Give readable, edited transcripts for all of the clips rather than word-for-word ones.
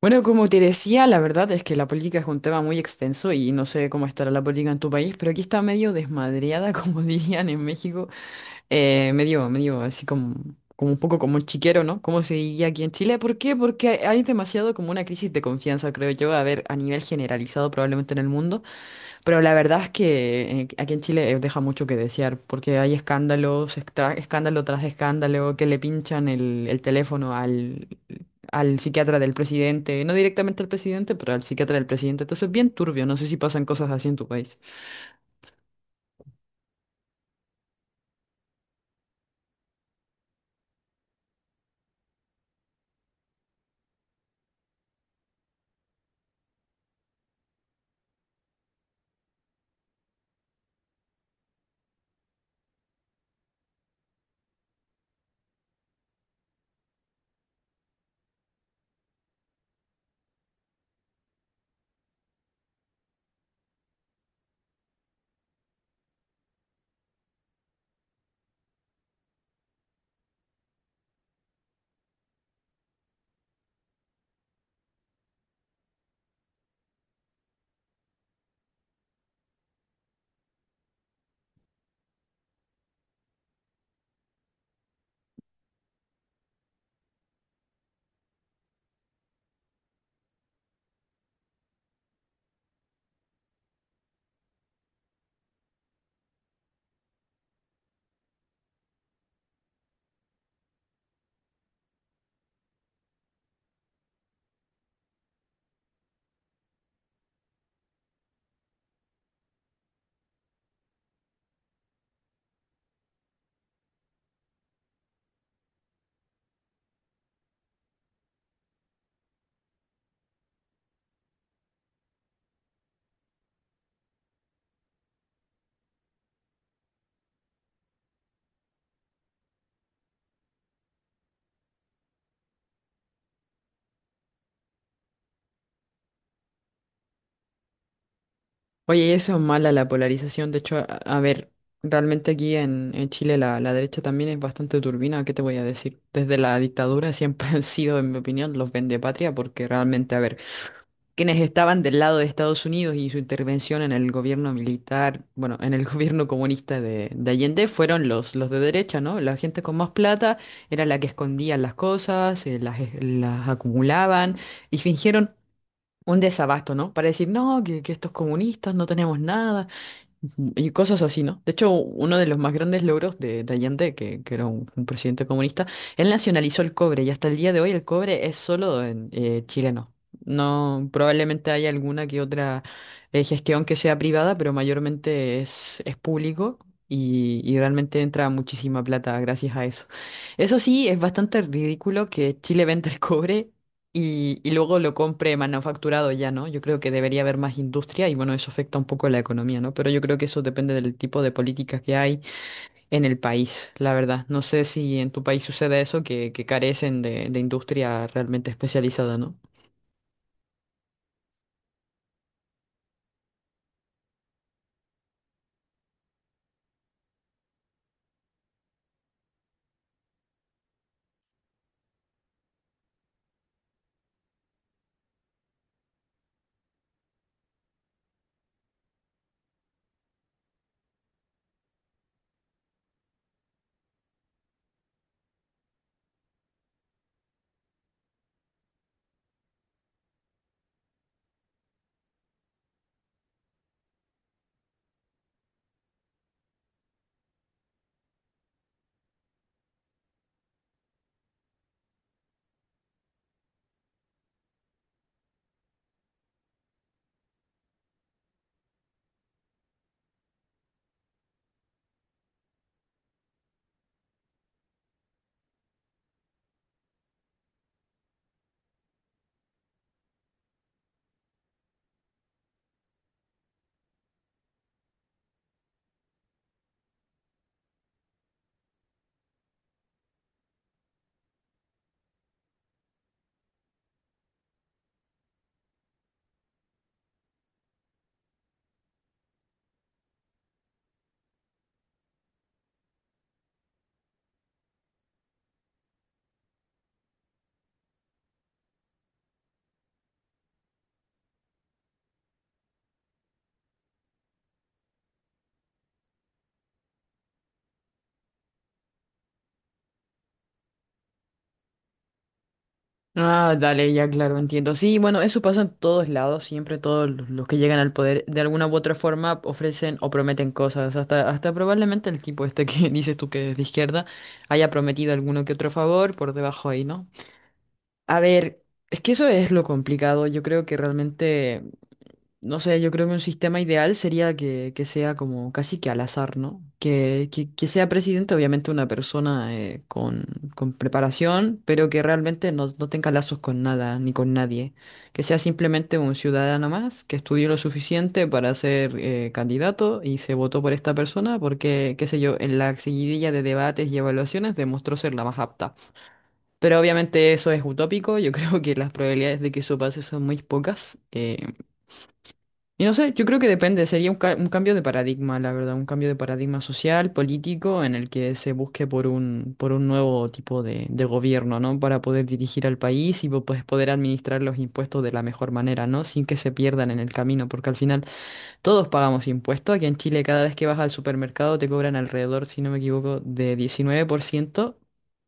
Bueno, como te decía, la verdad es que la política es un tema muy extenso y no sé cómo estará la política en tu país, pero aquí está medio desmadreada, como dirían en México, medio, medio así como, como un poco como chiquero, ¿no? Como se diría aquí en Chile. ¿Por qué? Porque hay demasiado como una crisis de confianza, creo yo, a ver, a nivel generalizado probablemente en el mundo. Pero la verdad es que aquí en Chile deja mucho que desear, porque hay escándalos, escándalo tras escándalo, que le pinchan el teléfono al psiquiatra del presidente, no directamente al presidente, pero al psiquiatra del presidente. Entonces, bien turbio, no sé si pasan cosas así en tu país. Oye, y eso es mala la polarización. De hecho, a ver, realmente aquí en Chile la derecha también es bastante turbina, ¿qué te voy a decir? Desde la dictadura siempre han sido, en mi opinión, los patria porque realmente, a ver, quienes estaban del lado de Estados Unidos y su intervención en el gobierno militar, bueno, en el gobierno comunista de Allende, fueron los de derecha, ¿no? La gente con más plata era la que escondía las cosas, las acumulaban y fingieron un desabasto, ¿no? Para decir, no, que estos comunistas no tenemos nada. Ujú, y cosas así, ¿no? De hecho, uno de los más grandes logros de Allende, que era un presidente comunista, él nacionalizó el cobre y hasta el día de hoy el cobre es solo en, chileno. No, probablemente haya alguna que otra gestión que sea privada, pero mayormente es público y realmente entra muchísima plata gracias a eso. Eso sí, es bastante ridículo que Chile venda el cobre y luego lo compre manufacturado ya, ¿no? Yo creo que debería haber más industria y bueno, eso afecta un poco la economía, ¿no? Pero yo creo que eso depende del tipo de políticas que hay en el país, la verdad. No sé si en tu país sucede eso, que carecen de industria realmente especializada, ¿no? Ah, dale, ya claro, entiendo. Sí, bueno, eso pasa en todos lados, siempre todos los que llegan al poder de alguna u otra forma ofrecen o prometen cosas, hasta, hasta probablemente el tipo este que dices tú que es de izquierda haya prometido alguno que otro favor por debajo ahí, ¿no? A ver, es que eso es lo complicado. Yo creo que realmente, no sé, yo creo que un sistema ideal sería que sea como casi que al azar, ¿no? Que sea presidente, obviamente, una persona con preparación, pero que realmente no, no tenga lazos con nada ni con nadie. Que sea simplemente un ciudadano más que estudió lo suficiente para ser candidato y se votó por esta persona porque, qué sé yo, en la seguidilla de debates y evaluaciones demostró ser la más apta. Pero obviamente eso es utópico, yo creo que las probabilidades de que eso pase son muy pocas. Y no sé, yo creo que depende, sería un, un cambio de paradigma, la verdad, un cambio de paradigma social, político, en el que se busque por un nuevo tipo de gobierno, ¿no? Para poder dirigir al país y pues, poder administrar los impuestos de la mejor manera, ¿no? Sin que se pierdan en el camino, porque al final... todos pagamos impuestos. Aquí en Chile cada vez que vas al supermercado te cobran alrededor, si no me equivoco, de 19%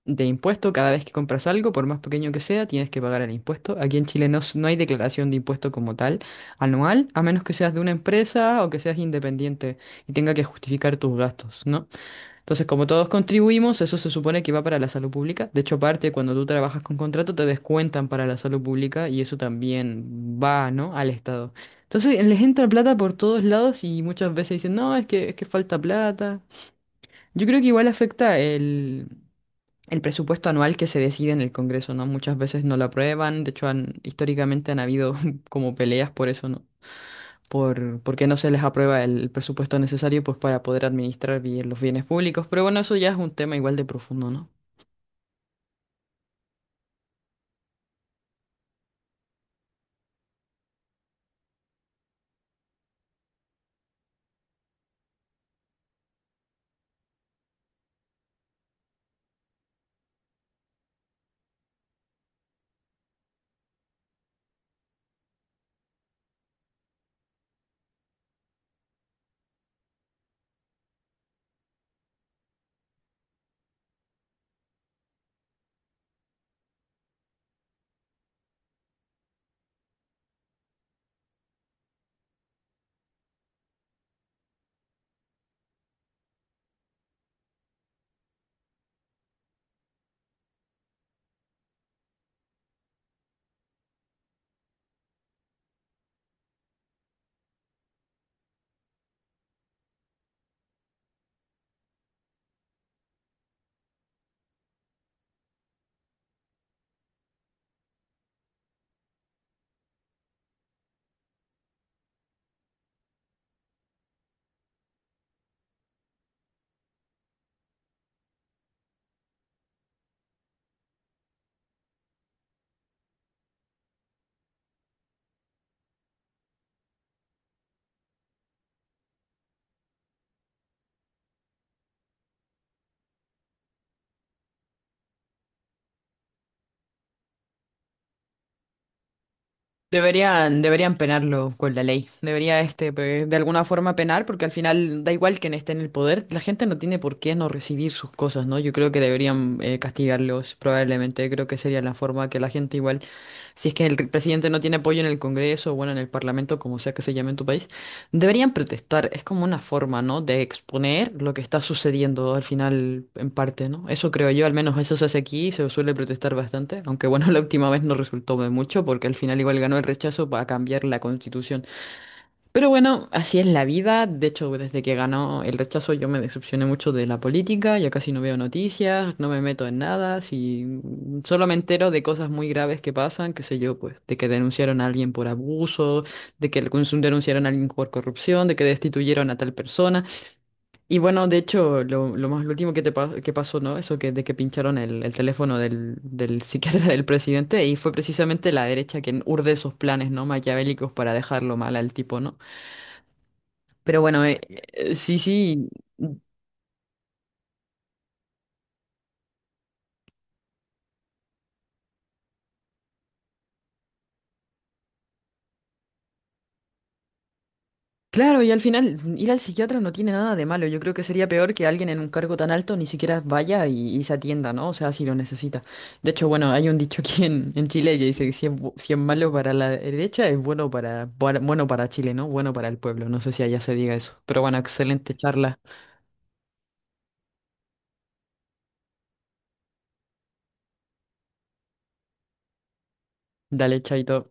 de impuesto. Cada vez que compras algo, por más pequeño que sea, tienes que pagar el impuesto. Aquí en Chile no, no hay declaración de impuesto como tal anual, a menos que seas de una empresa o que seas independiente y tenga que justificar tus gastos, ¿no? Entonces, como todos contribuimos, eso se supone que va para la salud pública. De hecho, parte cuando tú trabajas con contrato, te descuentan para la salud pública y eso también va, ¿no? Al Estado. Entonces, les entra plata por todos lados y muchas veces dicen, no, es que falta plata. Yo creo que igual afecta el presupuesto anual que se decide en el Congreso, ¿no? Muchas veces no lo aprueban. De hecho, históricamente han habido como peleas por eso, ¿no? Por, porque no se les aprueba el presupuesto necesario pues para poder administrar bien los bienes públicos. Pero bueno, eso ya es un tema igual de profundo, ¿no? Deberían, deberían penarlo con la ley. Debería este de alguna forma penar, porque al final da igual quién esté en el poder, la gente no tiene por qué no recibir sus cosas, ¿no? Yo creo que deberían castigarlos, probablemente. Creo que sería la forma que la gente igual, si es que el presidente no tiene apoyo en el Congreso, bueno, en el Parlamento, como sea que se llame en tu país. Deberían protestar, es como una forma, ¿no? De exponer lo que está sucediendo al final, en parte, ¿no? Eso creo yo, al menos eso se hace aquí, se suele protestar bastante, aunque bueno, la última vez no resultó de mucho porque al final igual ganó el rechazo para cambiar la constitución. Pero bueno, así es la vida. De hecho, desde que ganó el rechazo yo me decepcioné mucho de la política, ya casi no veo noticias, no me meto en nada, si solo me entero de cosas muy graves que pasan, qué sé yo, pues, de que denunciaron a alguien por abuso, de que denunciaron a alguien por corrupción, de que destituyeron a tal persona. Y bueno, de hecho, lo último que te que pasó, ¿no? Eso que de que pincharon el teléfono del psiquiatra del presidente, y fue precisamente la derecha quien urde esos planes, ¿no? Maquiavélicos para dejarlo mal al tipo, ¿no? Pero bueno, sí, sí, claro, y al final ir al psiquiatra no tiene nada de malo. Yo creo que sería peor que alguien en un cargo tan alto ni siquiera vaya y se atienda, ¿no? O sea, si lo necesita. De hecho, bueno, hay un dicho aquí en Chile que dice que si es, si es malo para la derecha, es bueno para, bueno para Chile, ¿no? Bueno para el pueblo. No sé si allá se diga eso. Pero bueno, excelente charla. Dale, chaito.